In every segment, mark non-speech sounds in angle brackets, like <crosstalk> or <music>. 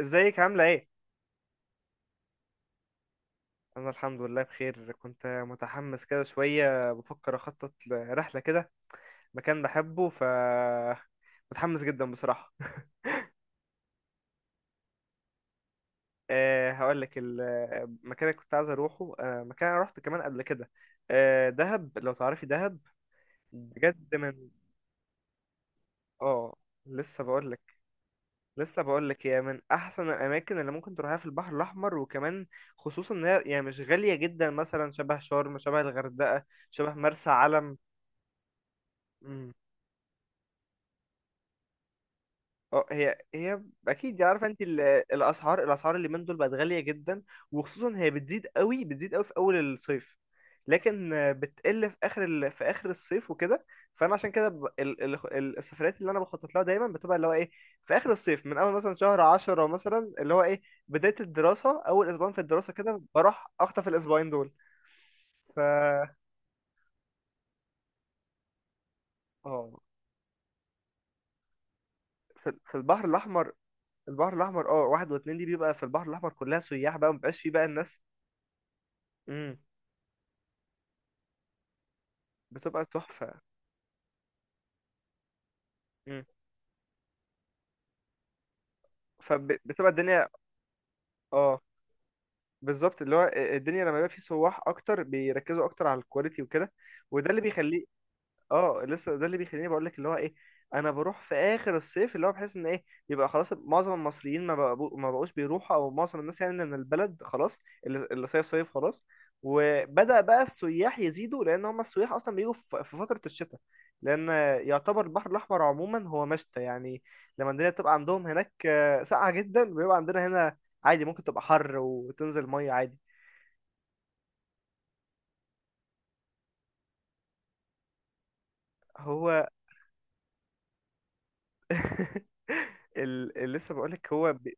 ازيك عاملة ايه؟ أنا الحمد لله بخير. كنت متحمس كده شوية، بفكر أخطط لرحلة كده، مكان بحبه. متحمس جدا بصراحة. <laughs> أه، هقولك المكان اللي كنت عايز أروحه. مكان أنا روحته كمان قبل كده. أه، دهب. لو تعرفي دهب بجد اه. لسه بقولك لسه بقولك هي من أحسن الأماكن اللي ممكن تروحها في البحر الأحمر، وكمان خصوصا إن هي يعني مش غالية جدا، مثلا شبه شرم، شبه الغردقة، شبه مرسى علم. اه، هي اكيد عارفه انت الاسعار اللي من دول بقت غاليه جدا. وخصوصا هي بتزيد قوي في اول الصيف، لكن بتقل في في اخر الصيف وكده. فانا عشان كده ب... ال... ال... ال- السفريات اللي انا بخطط لها دايما بتبقى اللي هو ايه، في اخر الصيف، من اول مثلا شهر 10 مثلا، اللي هو ايه، بدايه الدراسه، اول اسبوعين في الدراسه كده بروح اخطف الاسبوعين دول. ف اه، في البحر الاحمر. البحر الاحمر، اه، واحد واتنين دي بيبقى في البحر الاحمر كلها سياح بقى، مبقاش فيه بقى الناس. إمم. بتبقى تحفة. مم. فبتبقى الدنيا. اه، بالظبط، اللي هو الدنيا لما يبقى فيه سواح اكتر بيركزوا اكتر على الكواليتي وكده. وده اللي بيخليه. اه، لسه ده اللي بيخليني بقول لك اللي هو ايه، انا بروح في اخر الصيف، اللي هو بحس ان ايه، يبقى خلاص معظم المصريين ما بقوش بيروحوا، او معظم الناس يعني من البلد خلاص. اللي صيف صيف خلاص، وبدأ بقى السياح يزيدوا، لان هم السياح اصلا بيجوا في فترة الشتاء. لان يعتبر البحر الاحمر عموما هو مشتى يعني. لما الدنيا بتبقى عندهم هناك ساقعة جدا، بيبقى عندنا هنا عادي، ممكن تبقى حر وتنزل مية عادي. هو <laughs> اللي لسه بقولك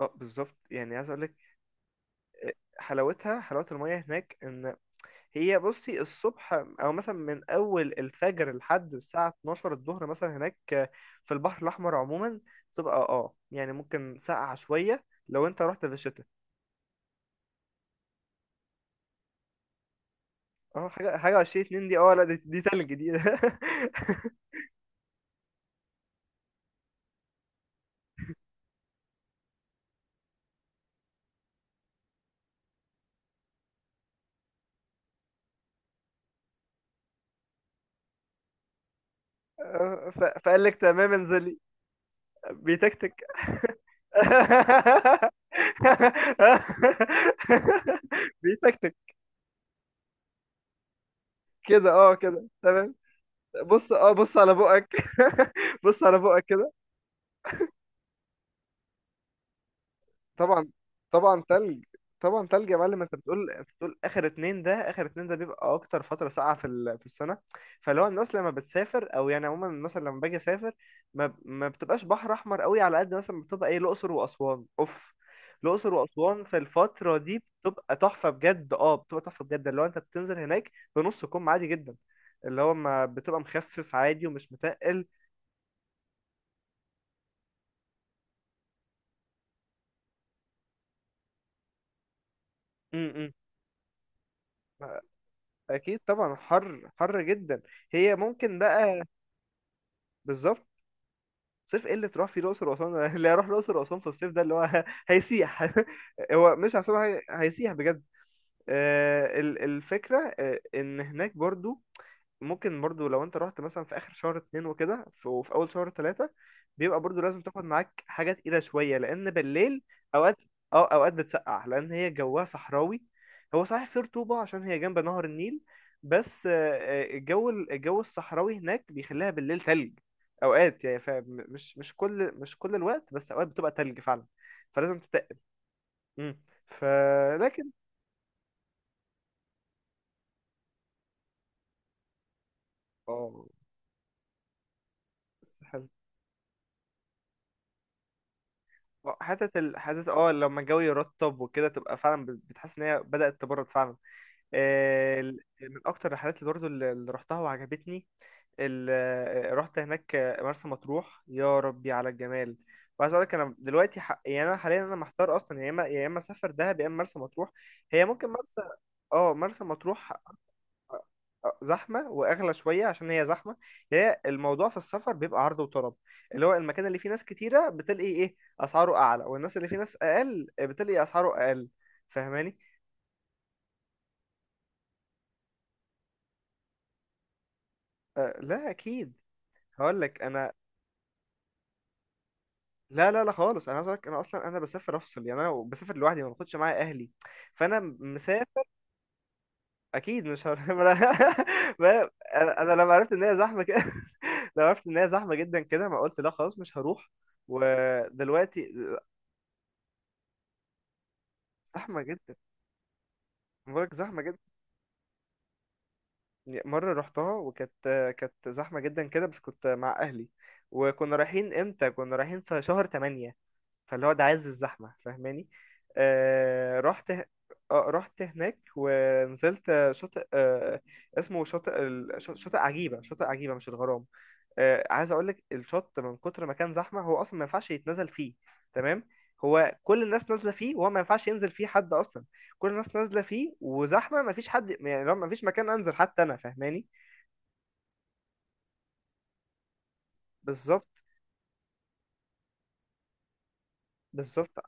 اه، بالظبط، يعني عايز اقولك حلاوة المية هناك ان هي، بصي، الصبح او مثلا من اول الفجر لحد الساعة 12 الظهر مثلا، هناك في البحر الاحمر عموما، تبقى يعني ممكن ساقعة شوية لو انت رحت في الشتاء. اه، حاجة 20 اتنين دي، اه لا، دي تلج دي. <laughs> فقال لك تمام انزلي. بيتكتك. <laughs> بيتكتك كده. تمام. بص، بص على بقك. <laughs> بص على بقك كده. طبعا، طبعا تلج. طبعا تلج يا معلم. انت بتقول، اخر اتنين ده، بيبقى اكتر فتره ساقعه في السنه. فلو الناس لما بتسافر، او يعني عموما مثلا لما باجي اسافر، ما بتبقاش بحر احمر قوي على قد مثلا بتبقى ايه، الاقصر واسوان. اوف، الاقصر واسوان في الفتره دي بتبقى تحفه بجد اللي هو انت بتنزل هناك بنص كم عادي جدا، اللي هو ما بتبقى مخفف، عادي ومش متقل. م- م. اكيد طبعا، حر، حر جدا. هي ممكن بقى، بالظبط. صيف ايه اللي تروح فيه الاقصر واسوان؟ <laughs> اللي هيروح الاقصر واسوان في الصيف ده اللي هو <laughs> هيسيح. <laughs> هو مش عشان هيسيح بجد. الفكرة إن هناك برضو، ممكن برضو لو أنت رحت مثلا في آخر شهر اتنين وكده، وفي أول شهر تلاتة، بيبقى برضو لازم تاخد معاك حاجة تقيلة شوية، لأن بالليل أوقات أوقات بتسقع، لأن هي جواها صحراوي. هو صحيح فيه رطوبة عشان هي جنب نهر النيل، بس الجو الصحراوي هناك بيخليها بالليل تلج أوقات يعني. مش كل الوقت، بس أوقات بتبقى تلج فعلا، فلازم تتقل. مم. فلكن، اه، حتة، لما الجو يرطب وكده تبقى فعلا بتحس ان هي بدأت تبرد فعلا. من اكتر الرحلات اللي برضو، اللي رحتها وعجبتني، ال... آه، رحت هناك مرسى مطروح. يا ربي على الجمال! وعايز اقول لك انا دلوقتي، يعني انا حاليا انا محتار اصلا، يا اما يا اما اسافر دهب، يا اما مرسى مطروح. هي ممكن مرسى، اه، مرسى مطروح زحمه واغلى شويه عشان هي زحمه. هي الموضوع في السفر بيبقى عرض وطلب، اللي هو المكان اللي فيه ناس كتيره بتلاقي ايه، اسعاره اعلى، والناس اللي فيه ناس اقل بتلاقي اسعاره اقل. فاهماني؟ أه، لا اكيد. هقول لك انا، لا لا لا خالص، انا عايز أقولك انا اصلا انا بسافر افصل، يعني انا بسافر لوحدي، ما باخدش معايا اهلي. فانا مسافر اكيد. مش هر... <laughs> ما- انا لما عرفت ان هي زحمه كده، <laughs> لما عرفت ان هي زحمه جدا كده، ما قلت لا خلاص مش هروح. ودلوقتي زحمه جدا. بقولك زحمة جدا. مرة رحتها وكانت كانت زحمة جدا كده، بس كنت مع أهلي، وكنا رايحين امتى؟ كنا رايحين في شهر تمانية، فاللي هو ده عز الزحمة. فاهماني؟ آه رحت ه- آه، رحت هناك ونزلت شاطئ، اسمه شاطئ شاطئ عجيبة، مش الغرام. عايز اقول لك الشط من كتر ما كان زحمه هو اصلا ما ينفعش يتنزل فيه. تمام؟ هو كل الناس نازله فيه، وهو ما ينفعش ينزل فيه حد اصلا. كل الناس نازله فيه، وزحمه، ما فيش حد. يعني لو ما فيش مكان انزل حتى انا، فاهماني؟ بالظبط. بالظبط.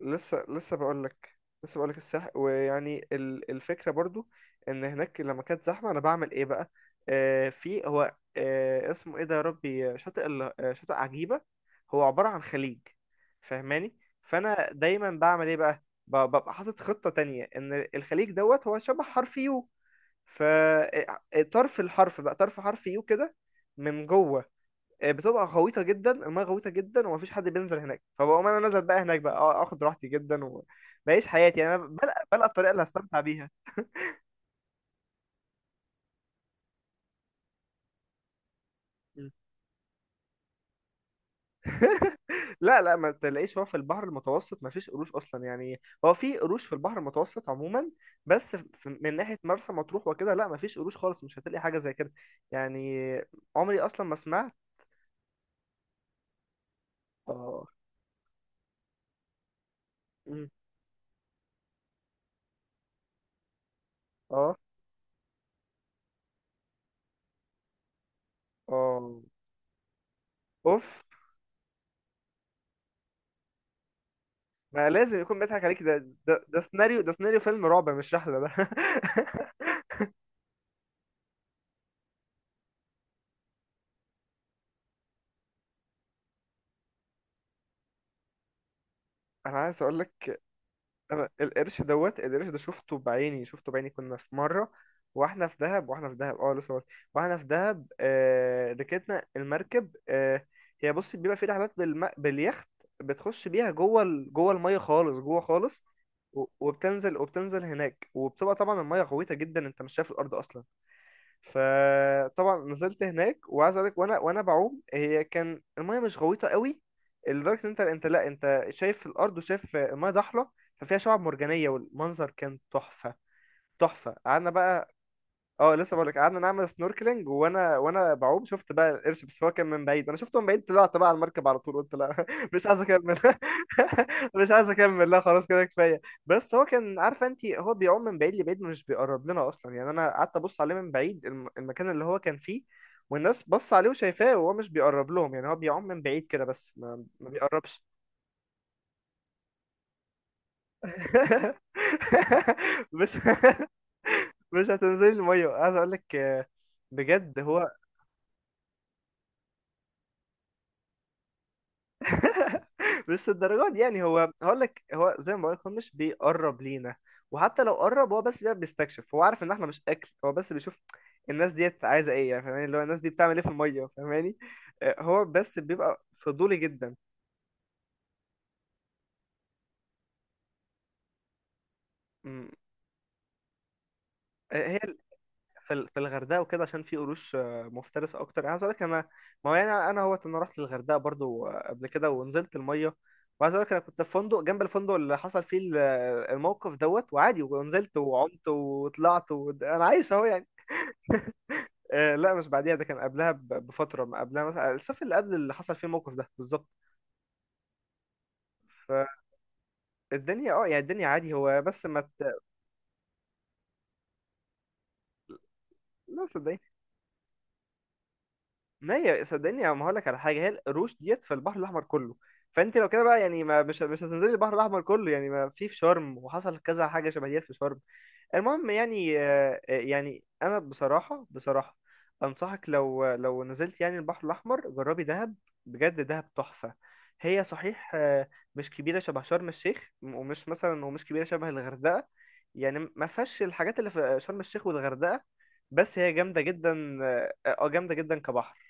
لسه بقول لك. لسه بقول لك الفكره برضو، ان هناك لما كانت زحمه انا بعمل ايه بقى؟ في هو، اسمه ايه ده يا ربي؟ شاطئ ال- آه، شاطئ عجيبه، هو عباره عن خليج، فاهماني؟ فانا دايما بعمل ايه بقى؟ ببقى حاطط خطه تانية، ان الخليج دوت هو شبه حرف يو، فطرف الحرف بقى، طرف حرف يو كده من جوه، بتبقى غويطه جدا، المايه غويطه جدا، ومفيش حد بينزل هناك. فبقوم انا نازل بقى هناك بقى، اخد راحتي جدا وبعيش حياتي. يعني انا بلقى، الطريقه اللي هستمتع بيها. مم. <laughs> لا لا، ما تلاقيش. هو في البحر المتوسط ما فيش قروش اصلا، يعني هو في قروش في البحر المتوسط عموما، بس في من ناحيه مرسى مطروح وكده لا، ما فيش قروش خالص، مش هتلاقي حاجه زي كده يعني. عمري اصلا ما سمعت. اه. مم. اه. اه. اوف. ما لازم يكون بيضحك عليك ده. ده سيناريو، سيناريو فيلم رعب، مش رحلة ده. <laughs> انا عايز اقول لك انا، القرش ده شفته بعيني، شفته بعيني. كنا في مرة، واحنا في دهب، واحنا في دهب ركبنا المركب. هي بص، بيبقى في رحلات باليخت، بتخش بيها جوه جوه المية خالص، جوه خالص، وبتنزل هناك. وبتبقى طبعا المية غويطة جدا، انت مش شايف الارض اصلا. فطبعا نزلت هناك، وعايز اقول لك، وانا، بعوم، هي كان المايه مش غويطه قوي، لدرجه ان انت، لا انت شايف الارض وشايف المايه ضحله، ففيها شعاب مرجانيه، والمنظر كان تحفه، تحفه. قعدنا بقى، اه لسه بقولك، قعدنا نعمل سنوركلينج، وانا، بعوم، شفت بقى القرش. بس هو كان من بعيد، انا شفته من بعيد، طلعت بقى على المركب على طول. قلت لا، <laughs> مش عايز اكمل. <laughs> مش عايز اكمل، لا خلاص كده كفايه. بس هو، كان عارفه انت، هو بيعوم من بعيد لبعيد، مش بيقرب لنا اصلا. يعني انا قعدت ابص عليه من بعيد، المكان اللي هو كان فيه، والناس بص عليه وشايفاه، وهو مش بيقرب لهم. يعني هو بيعوم من بعيد كده، بس ما بيقربش. <laughs> مش <laughs> مش هتنزلي الميه، عايز اقول لك بجد، هو <laughs> بس الدرجات دي، يعني هو هقول لك، هو زي ما بقول لك، هو مش بيقرب لينا، وحتى لو قرب، هو بس بيبقى بيستكشف، هو عارف ان احنا مش اكل، هو بس بيشوف الناس ديت عايزه ايه يعني. فاهماني؟ اللي هو، الناس دي بتعمل ايه في الميه؟ فاهماني؟ هو بس بيبقى فضولي جدا. مم. آه، هي في الغردقه وكده، عشان في قروش مفترسه اكتر. يعني عايز اقول لك انا، ما هو يعني انا، هوت، انا رحت الغردقه برضو قبل كده، ونزلت الميه. وعايز اقول لك انا كنت في فندق جنب الفندق اللي حصل فيه الموقف دوت، وعادي ونزلت وعمت وطلعت، انا عايش اهو يعني. لا مش بعديها، ده كان قبلها بفتره، ما قبلها مثلا الصيف اللي قبل اللي حصل فيه الموقف ده بالظبط. فالدنيا، اه يعني الدنيا عادي، هو بس ما ت... لا صدقني، ما هي صدقني، ما هقول لك على حاجه، هي القروش ديت في البحر الاحمر كله. فانت لو كده بقى يعني، ما مش هتنزلي البحر الاحمر كله يعني، ما في في شرم وحصل كذا حاجه شبه ديت في شرم. المهم يعني، انا بصراحه، بصراحه انصحك، لو نزلت يعني البحر الاحمر، جربي دهب. بجد دهب تحفه. هي صحيح مش كبيره شبه شرم الشيخ، ومش مثلا، ومش كبيره شبه الغردقه، يعني ما فيهاش الحاجات اللي في شرم الشيخ والغردقه، بس هي جامده جدا. جامده جدا كبحر.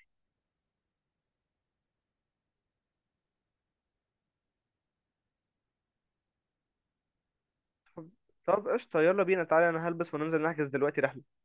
طب قشطة، يلا بينا تعالى، انا هلبس وننزل نحجز دلوقتي رحلة.